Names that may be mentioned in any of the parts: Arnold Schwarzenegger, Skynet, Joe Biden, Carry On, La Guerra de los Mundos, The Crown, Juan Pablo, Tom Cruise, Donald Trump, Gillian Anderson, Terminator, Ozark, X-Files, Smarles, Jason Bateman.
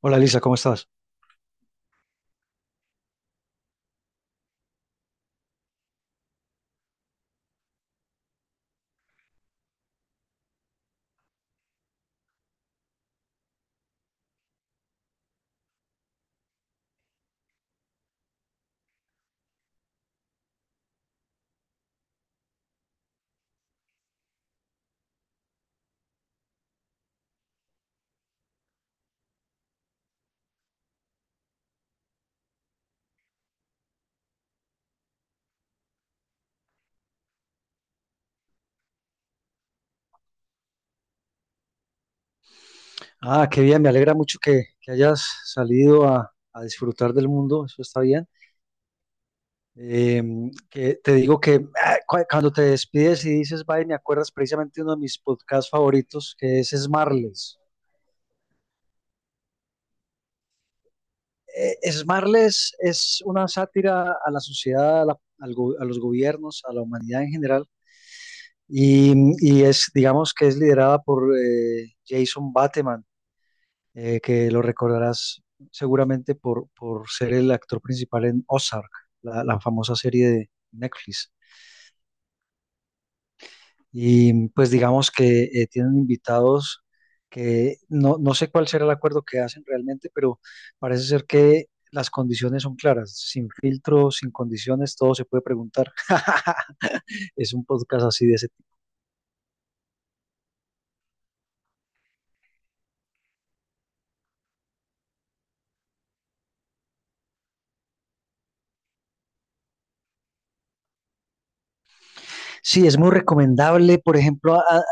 Hola Lisa, ¿cómo estás? Ah, qué bien, me alegra mucho que hayas salido a disfrutar del mundo, eso está bien. Eh, que te digo que ah, cuando te despides y dices bye, me acuerdas precisamente uno de mis podcasts favoritos, que es Smarles. Smarles es una sátira a la sociedad, a los gobiernos, a la humanidad en general, y, y es, digamos que es liderada por Jason Bateman, que lo recordarás seguramente por ser el actor principal en Ozark, la famosa serie de Netflix. Y pues digamos que tienen invitados que no sé cuál será el acuerdo que hacen realmente, pero parece ser que las condiciones son claras, sin filtro, sin condiciones, todo se puede preguntar. Es un podcast así de ese. Sí, es muy recomendable. Por ejemplo,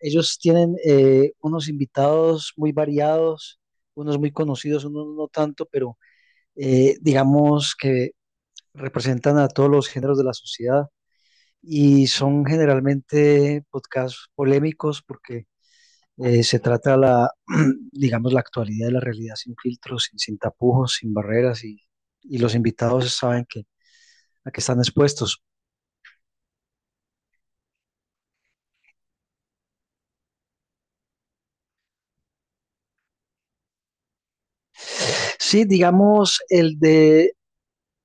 ellos tienen unos invitados muy variados, unos muy conocidos, unos no tanto, pero digamos que representan a todos los géneros de la sociedad y son generalmente podcasts polémicos porque se trata la, digamos, la actualidad de la realidad sin filtros, sin tapujos, sin barreras y los invitados saben que a qué están expuestos. Sí, digamos, el de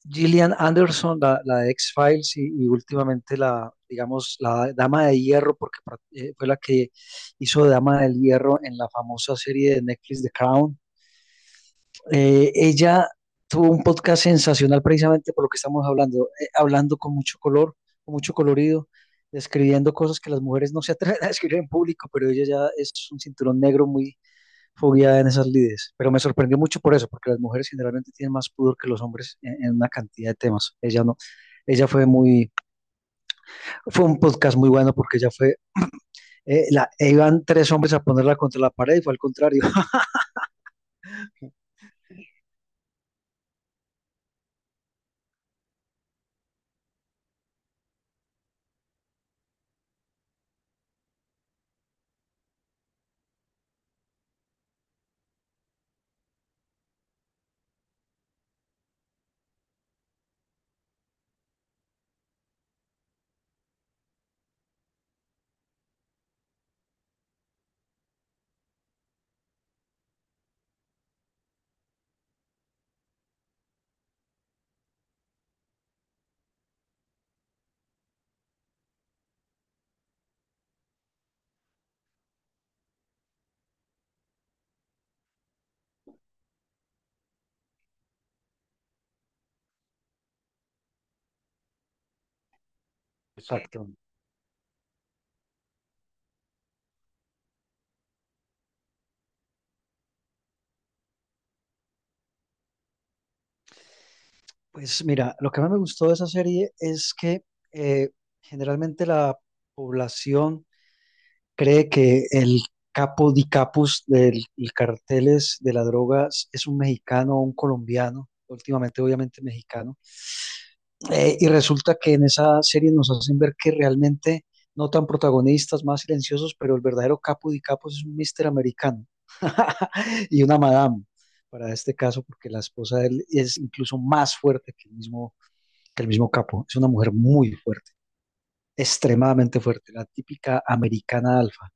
Gillian Anderson, la de X-Files y últimamente la, digamos, la Dama de Hierro, porque fue la que hizo de Dama del Hierro en la famosa serie de Netflix The Crown. Ella tuvo un podcast sensacional precisamente por lo que estamos hablando con mucho color, con mucho colorido, describiendo cosas que las mujeres no se atreven a describir en público, pero ella ya es un cinturón negro muy, fue guiada en esas lides, pero me sorprendió mucho por eso, porque las mujeres generalmente tienen más pudor que los hombres en una cantidad de temas. Ella no, ella fue muy, fue un podcast muy bueno porque ella fue, iban tres hombres a ponerla contra la pared y fue al contrario. Exacto. Pues mira, lo que más me gustó de esa serie es que eh, generalmente la población cree que el capo di capus del el carteles de las drogas es un mexicano o un colombiano, últimamente obviamente mexicano. Y resulta que en esa serie nos hacen ver que realmente no tan protagonistas, más silenciosos, pero el verdadero capo de capos es un mister americano y una madame para este caso, porque la esposa de él es incluso más fuerte que el mismo, capo. Es una mujer muy fuerte, extremadamente fuerte, la típica americana alfa,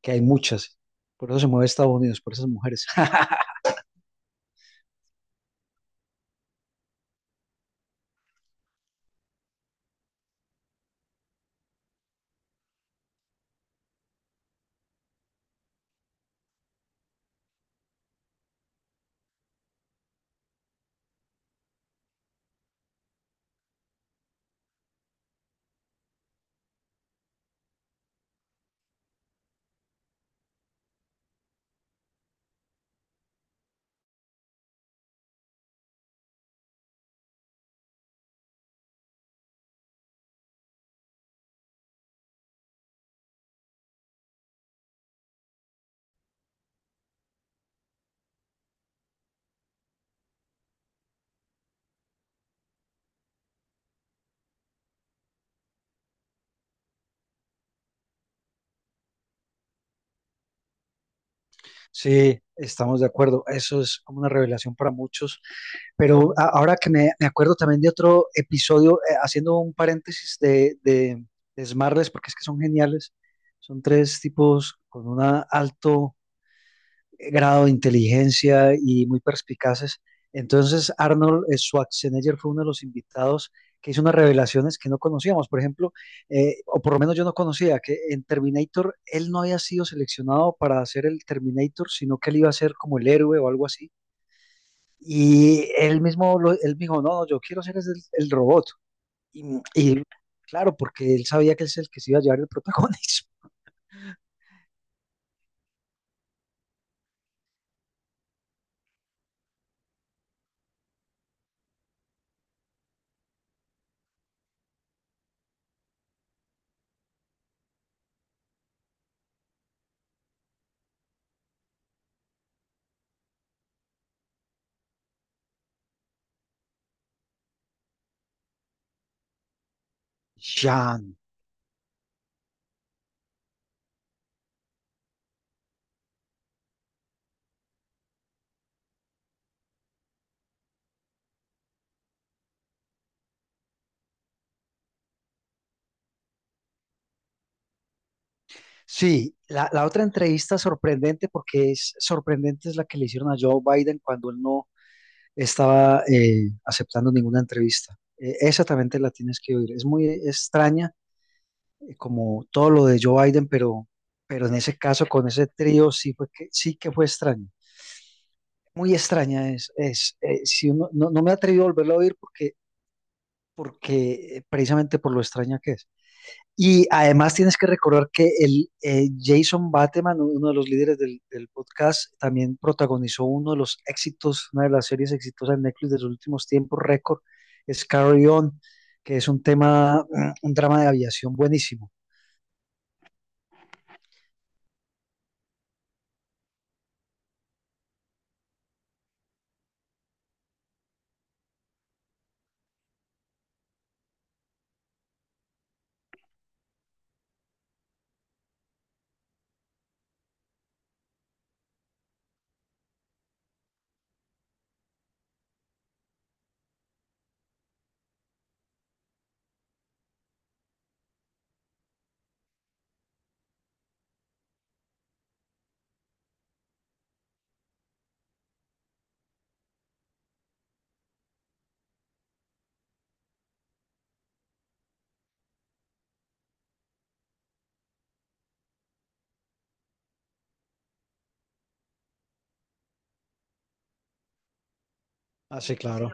que hay muchas. Por eso se mueve Estados Unidos, por esas mujeres. Sí, estamos de acuerdo. Eso es como una revelación para muchos. Pero ahora que me acuerdo también de otro episodio, haciendo un paréntesis de Smartless, porque es que son geniales. Son tres tipos con un alto grado de inteligencia y muy perspicaces. Entonces, Arnold Schwarzenegger fue uno de los invitados que hizo unas revelaciones que no conocíamos. Por ejemplo, o por lo menos yo no conocía, que en Terminator él no había sido seleccionado para hacer el Terminator, sino que él iba a ser como el héroe o algo así y él mismo, él dijo, no, no, yo quiero ser el robot. Y claro, porque él sabía que él es el que se iba a llevar el protagonismo. Jean. Sí, la otra entrevista sorprendente, porque es sorprendente, es la que le hicieron a Joe Biden cuando él no estaba aceptando ninguna entrevista. Esa también te la tienes que oír. Es muy extraña, como todo lo de Joe Biden, pero, en ese caso, con ese trío, sí que fue extraño. Muy extraña es, no, no me he atrevido a volverlo a oír porque precisamente por lo extraña que es. Y además tienes que recordar que el Jason Bateman, uno de los líderes del podcast, también protagonizó uno de los éxitos, una de las series exitosas de Netflix de los últimos tiempos, récord, es Carry On, que es un tema, un drama de aviación buenísimo. Ah, sí, claro.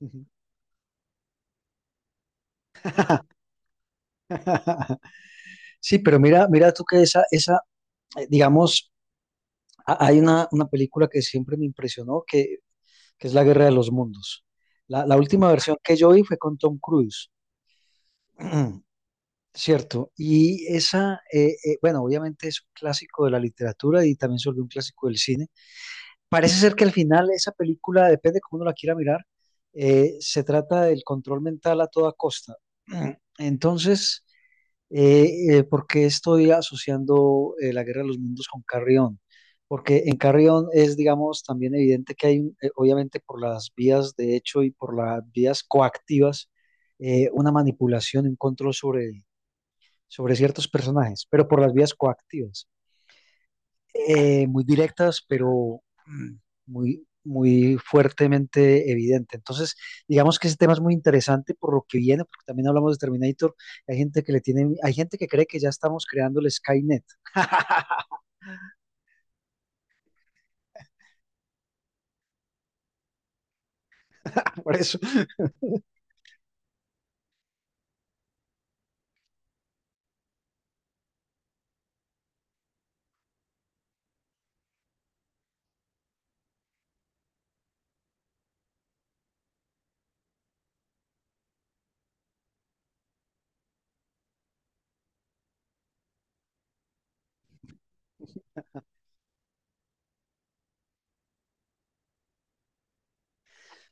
Ujú. Sí, pero mira, mira tú que esa, digamos, hay una película que siempre me impresionó, que es La Guerra de los Mundos. La última versión que yo vi fue con Tom Cruise, ¿cierto? Y esa, bueno, obviamente es un clásico de la literatura y también se volvió un clásico del cine. Parece ser que al final esa película, depende cómo uno la quiera mirar, se trata del control mental a toda costa. Entonces, ¿por qué estoy asociando la Guerra de los Mundos con Carry On? Porque en Carry On es, digamos, también evidente que hay, obviamente por las vías de hecho y por las vías coactivas, una manipulación, un control sobre ciertos personajes, pero por las vías coactivas muy directas, pero mm, muy, muy fuertemente evidente. Entonces, digamos que ese tema es muy interesante por lo que viene, porque también hablamos de Terminator. Hay gente que le tiene, hay gente que cree que ya estamos creando el Skynet. Por eso.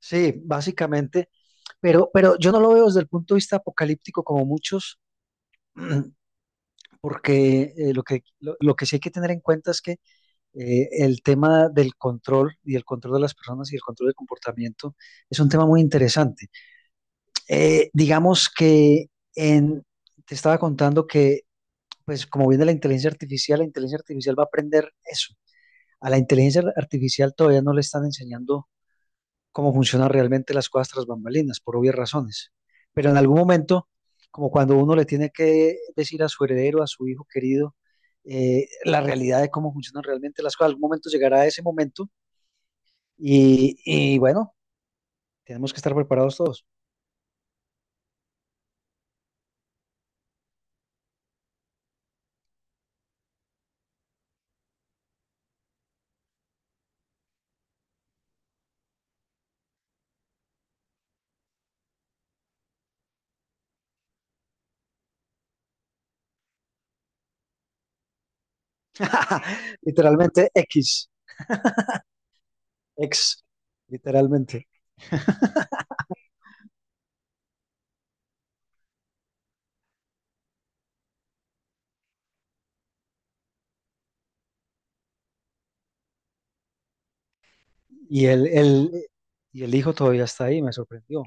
Sí, básicamente, pero yo no lo veo desde el punto de vista apocalíptico como muchos. Porque lo que sí hay que tener en cuenta es que el tema del control y el control de las personas y el control del comportamiento es un tema muy interesante. Digamos que en, te estaba contando que, pues como viene la inteligencia artificial va a aprender eso. A la inteligencia artificial todavía no le están enseñando cómo funcionan realmente las cosas tras bambalinas, por obvias razones. Pero en algún momento, como cuando uno le tiene que decir a su heredero, a su hijo querido, la realidad de cómo funcionan realmente las cosas, algún momento llegará ese momento y bueno, tenemos que estar preparados todos. Literalmente X. Ex, literalmente. Y el, el, y el hijo todavía está ahí, me sorprendió.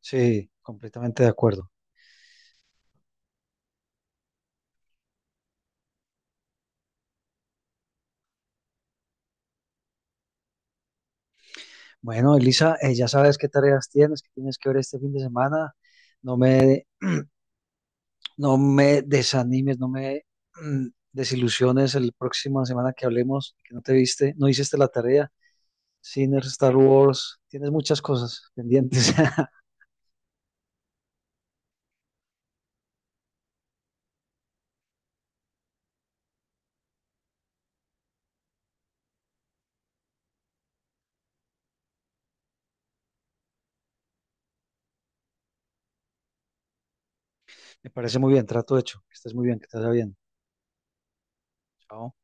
Sí, completamente de acuerdo. Bueno, Elisa, ya sabes qué tareas tienes, qué tienes que ver este fin de semana. No me, no me desanimes, no me desilusiones el próxima semana que hablemos, que no te viste, no hiciste la tarea. Ciner, Star Wars, tienes muchas cosas pendientes. Me parece muy bien, trato hecho. Que estés muy bien, que te vaya bien. Chao.